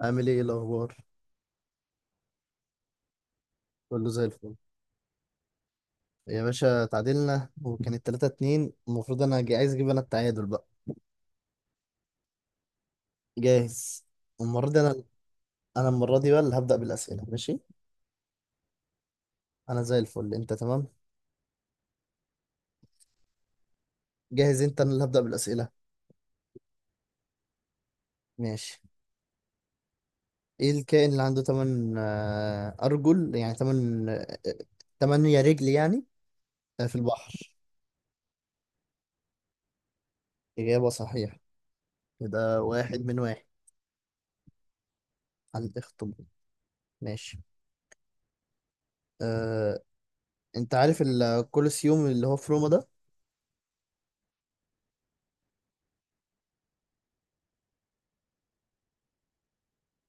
عامل ايه الاخبار؟ كله زي الفل. يا باشا، تعادلنا وكانت 3 2. المفروض انا عايز اجيب انا التعادل بقى. جاهز. المره دي انا انا المره دي بقى اللي هبدا بالاسئله. ماشي، انا زي الفل، انت تمام؟ جاهز. انت، انا اللي هبدا بالاسئله. ماشي. ايه الكائن اللي عنده 8 ارجل؟ يعني 8، 8 رجل يعني. آه، في البحر. اجابه صحيحه، يبقى واحد من واحد على الاخطبوط. ماشي. أه... انت عارف الكولوسيوم اللي هو في روما ده؟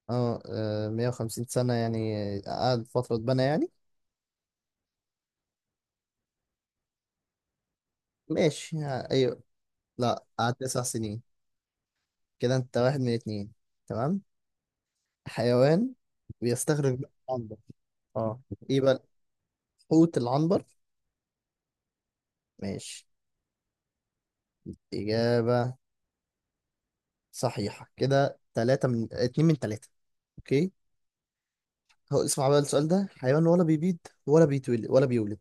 اه آه، 150 سنة، يعني قعد فترة اتبنى يعني. ماشي، ايوه. لا، قعد 9 سنين. كده انت واحد من اتنين. تمام. حيوان بيستخرج من العنبر. اه. ايه بقى؟ حوت العنبر. ماشي. إجابة صحيحة، كده تلاتة، من اتنين من تلاتة. اوكي. هو اسمع بقى السؤال ده، حيوان ولا بيبيض، ولا بيتولد ولا بيولد؟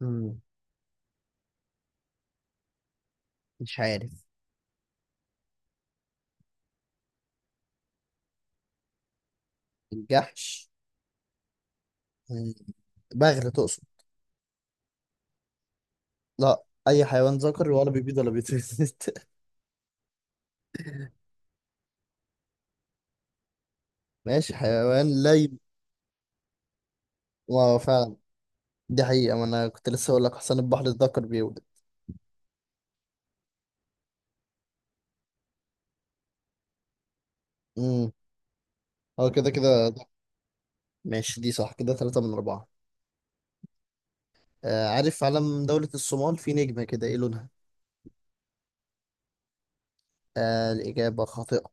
مم. مش عارف. الجحش؟ مم. بغل تقصد؟ لا، اي حيوان ذكر ولا بيبيض ولا بيتولد؟ ماشي. حيوان لا واو، فعلا. دي حقيقة، ما انا كنت لسه اقول لك حسن البحر ذكر بيولد. امم هو كده كده ده. ماشي، دي صح، كده ثلاثة من أربعة. آه، عارف علم دولة الصومال؟ في نجمة كده، ايه لونها؟ آه، الإجابة خاطئة.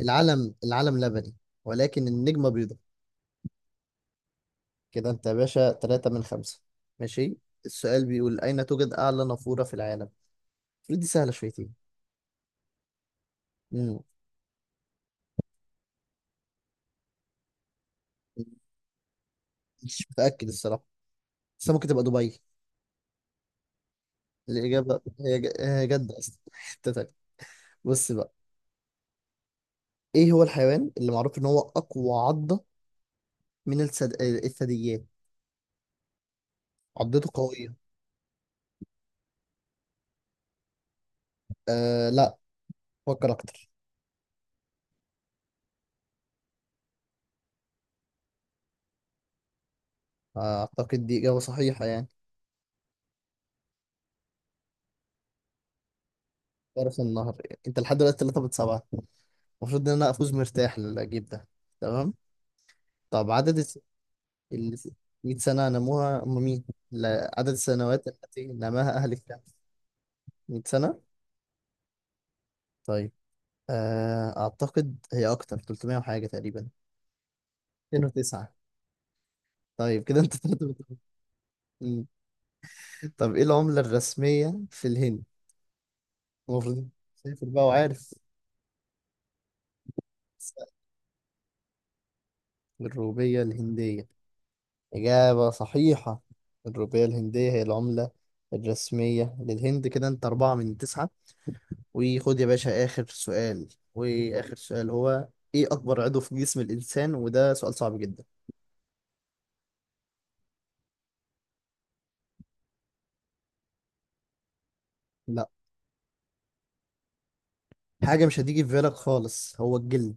العلم لبني، ولكن النجمة بيضاء. كده انت يا باشا ثلاثة من خمسة. ماشي. السؤال بيقول أين توجد أعلى نافورة في العالم؟ المفروض دي سهلة شويتين. امم مش متأكد الصراحة، بس ممكن تبقى دبي. الإجابة هي هي جدة أصلا، حتة تانية. بص بقى، ايه هو الحيوان اللي معروف ان هو اقوى عضة من الثدييات؟ عضته قوية. آه، لا. فكر اكتر. آه، اعتقد دي اجابة صحيحة يعني. فرس النهر. انت لحد دلوقتي 3 من 7. المفروض ان انا افوز مرتاح للجيب ده. تمام. طب عدد ال 100 سنة نموها، هم مين؟ لا، عدد السنوات التي نماها اهل الكهف. 100 سنة؟ طيب. آه، اعتقد هي اكتر، 300 وحاجة تقريبا. 209؟ طيب كده انت 3. طب ايه العملة الرسمية في الهند؟ المفروض سافر بقى وعارف. الروبية الهندية. إجابة صحيحة، الروبية الهندية هي العملة الرسمية للهند. كده أنت أربعة من تسعة. وخد يا باشا آخر سؤال، وآخر سؤال هو إيه أكبر عضو في جسم الإنسان؟ وده سؤال صعب جدا. لا. حاجة مش هتيجي في بالك خالص، هو الجلد.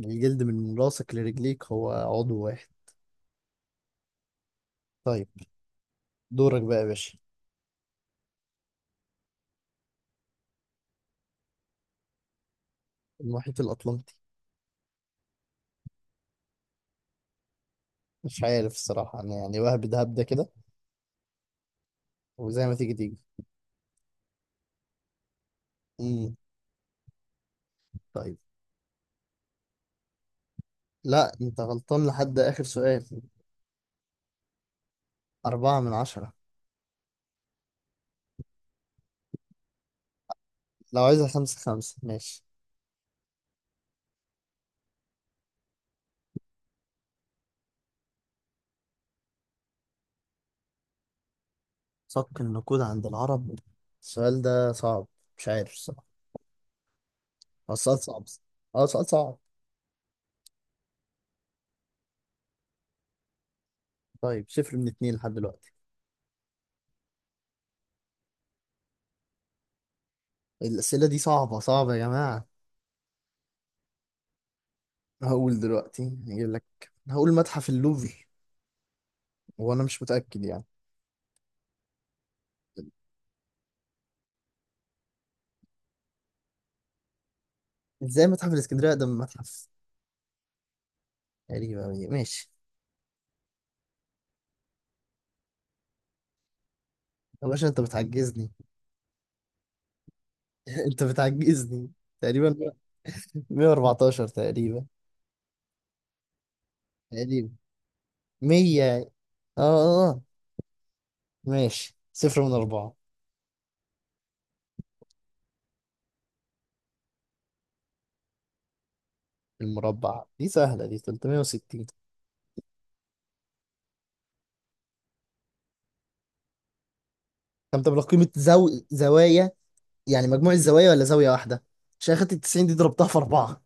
الجلد من راسك لرجليك هو عضو واحد. طيب، دورك بقى يا باشا. المحيط الأطلنطي. مش عارف الصراحة أنا يعني، وهب دهب ده، هبدة كده وزي ما تيجي تيجي. مم. طيب. لا، انت غلطان لحد اخر سؤال. اربعة من عشرة. لو عايزها خمسة خمسة، ماشي. صك النقود عند العرب. السؤال ده صعب. مش عارف الصراحة. هو السؤال صعب. اه، سؤال صعب. طيب، صفر من اتنين لحد دلوقتي. الأسئلة دي صعبة صعبة يا جماعة. هقول دلوقتي هجيب لك، هقول متحف اللوفر، وانا مش متأكد يعني. ازاي متحف الاسكندرية أقدم من متحف؟ غريبة أوي. ماشي. يا باشا انت بتعجزني. انت بتعجزني. تقريبا 114. تقريبا تقريبا 100. اه آه، ماشي، صفر من أربعة. المربع دي سهلة، دي 360. كم تبلغ قيمة زوايا، يعني مجموع الزوايا ولا زاوية واحدة؟ عشان أخدت ال 90 دي ضربتها في أربعة.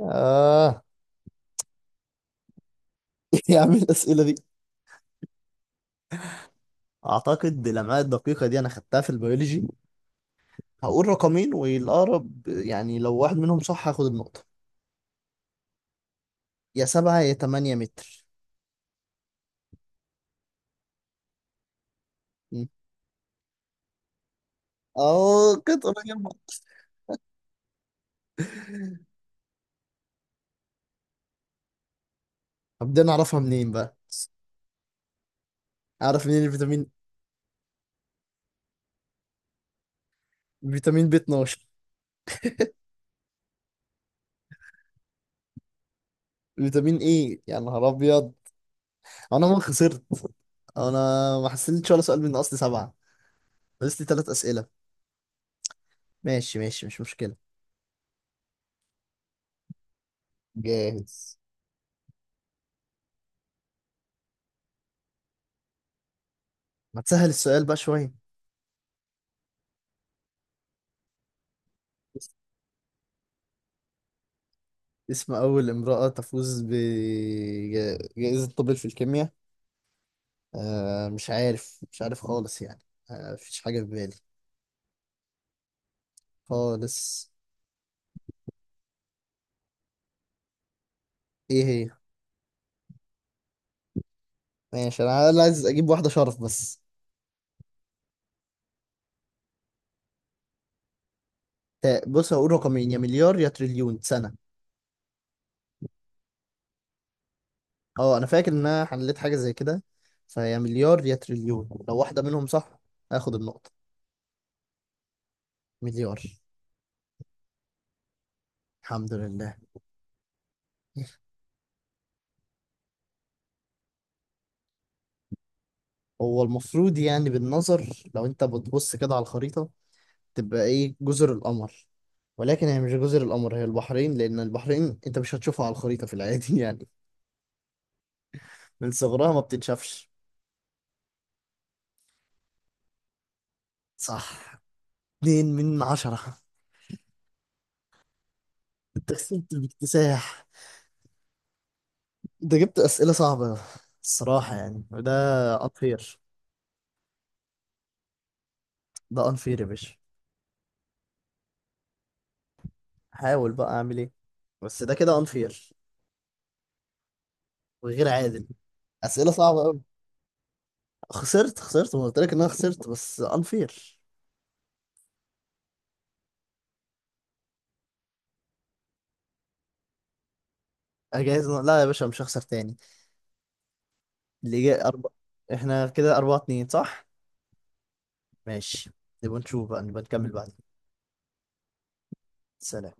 آه، يا عم الأسئلة دي. أعتقد بالأمعاء الدقيقة دي أنا خدتها في البيولوجي. هقول رقمين والأقرب يعني، لو واحد منهم صح هاخد النقطة. يا سبعة يا تمانية متر. م. أه، كنت قريب. طب دي أنا أعرفها منين بقى؟ أعرف منين الفيتامين. فيتامين B12. فيتامين ايه، يا نهار ابيض. انا ما خسرت. انا ما حسنتش ولا سؤال من اصل سبعه، بس لي ثلاث اسئله. ماشي ماشي، مش مشكله. جاهز. ما تسهل السؤال بقى شويه. اسم اول امراه تفوز بجائزه نوبل في الكيمياء. آه، مش عارف، مش عارف خالص يعني. آه، مفيش حاجه في بالي، خالص. ايه هي؟ ماشي، انا عايز اجيب واحده شرف بس. بص، هقول رقمين، يا مليار يا تريليون سنه. اه، انا فاكر ان انا حليت حاجه زي كده، فهي مليار يا تريليون، لو واحده منهم صح هاخد النقطه. مليار. الحمد لله. هو المفروض يعني، بالنظر لو انت بتبص كده على الخريطه، تبقى ايه؟ جزر القمر. ولكن هي مش جزر القمر، هي البحرين، لان البحرين انت مش هتشوفها على الخريطه في العادي يعني، من صغرها ما بتتشافش. صح. اتنين من عشرة. انت كسبت باكتساح، انت جبت اسئله صعبه الصراحه يعني، وده unfair. ده unfair يا باشا. احاول بقى اعمل ايه. بس ده كده انفير وغير عادل. اسئله صعبه قوي. خسرت خسرت، ما قلت لك ان انا خسرت، بس انفير. اجهز. لا يا باشا، مش هخسر تاني. اللي جاي احنا كده أربعة اتنين صح؟ ماشي. نبقى نشوف بقى، نبقى نكمل بعدين. سلام.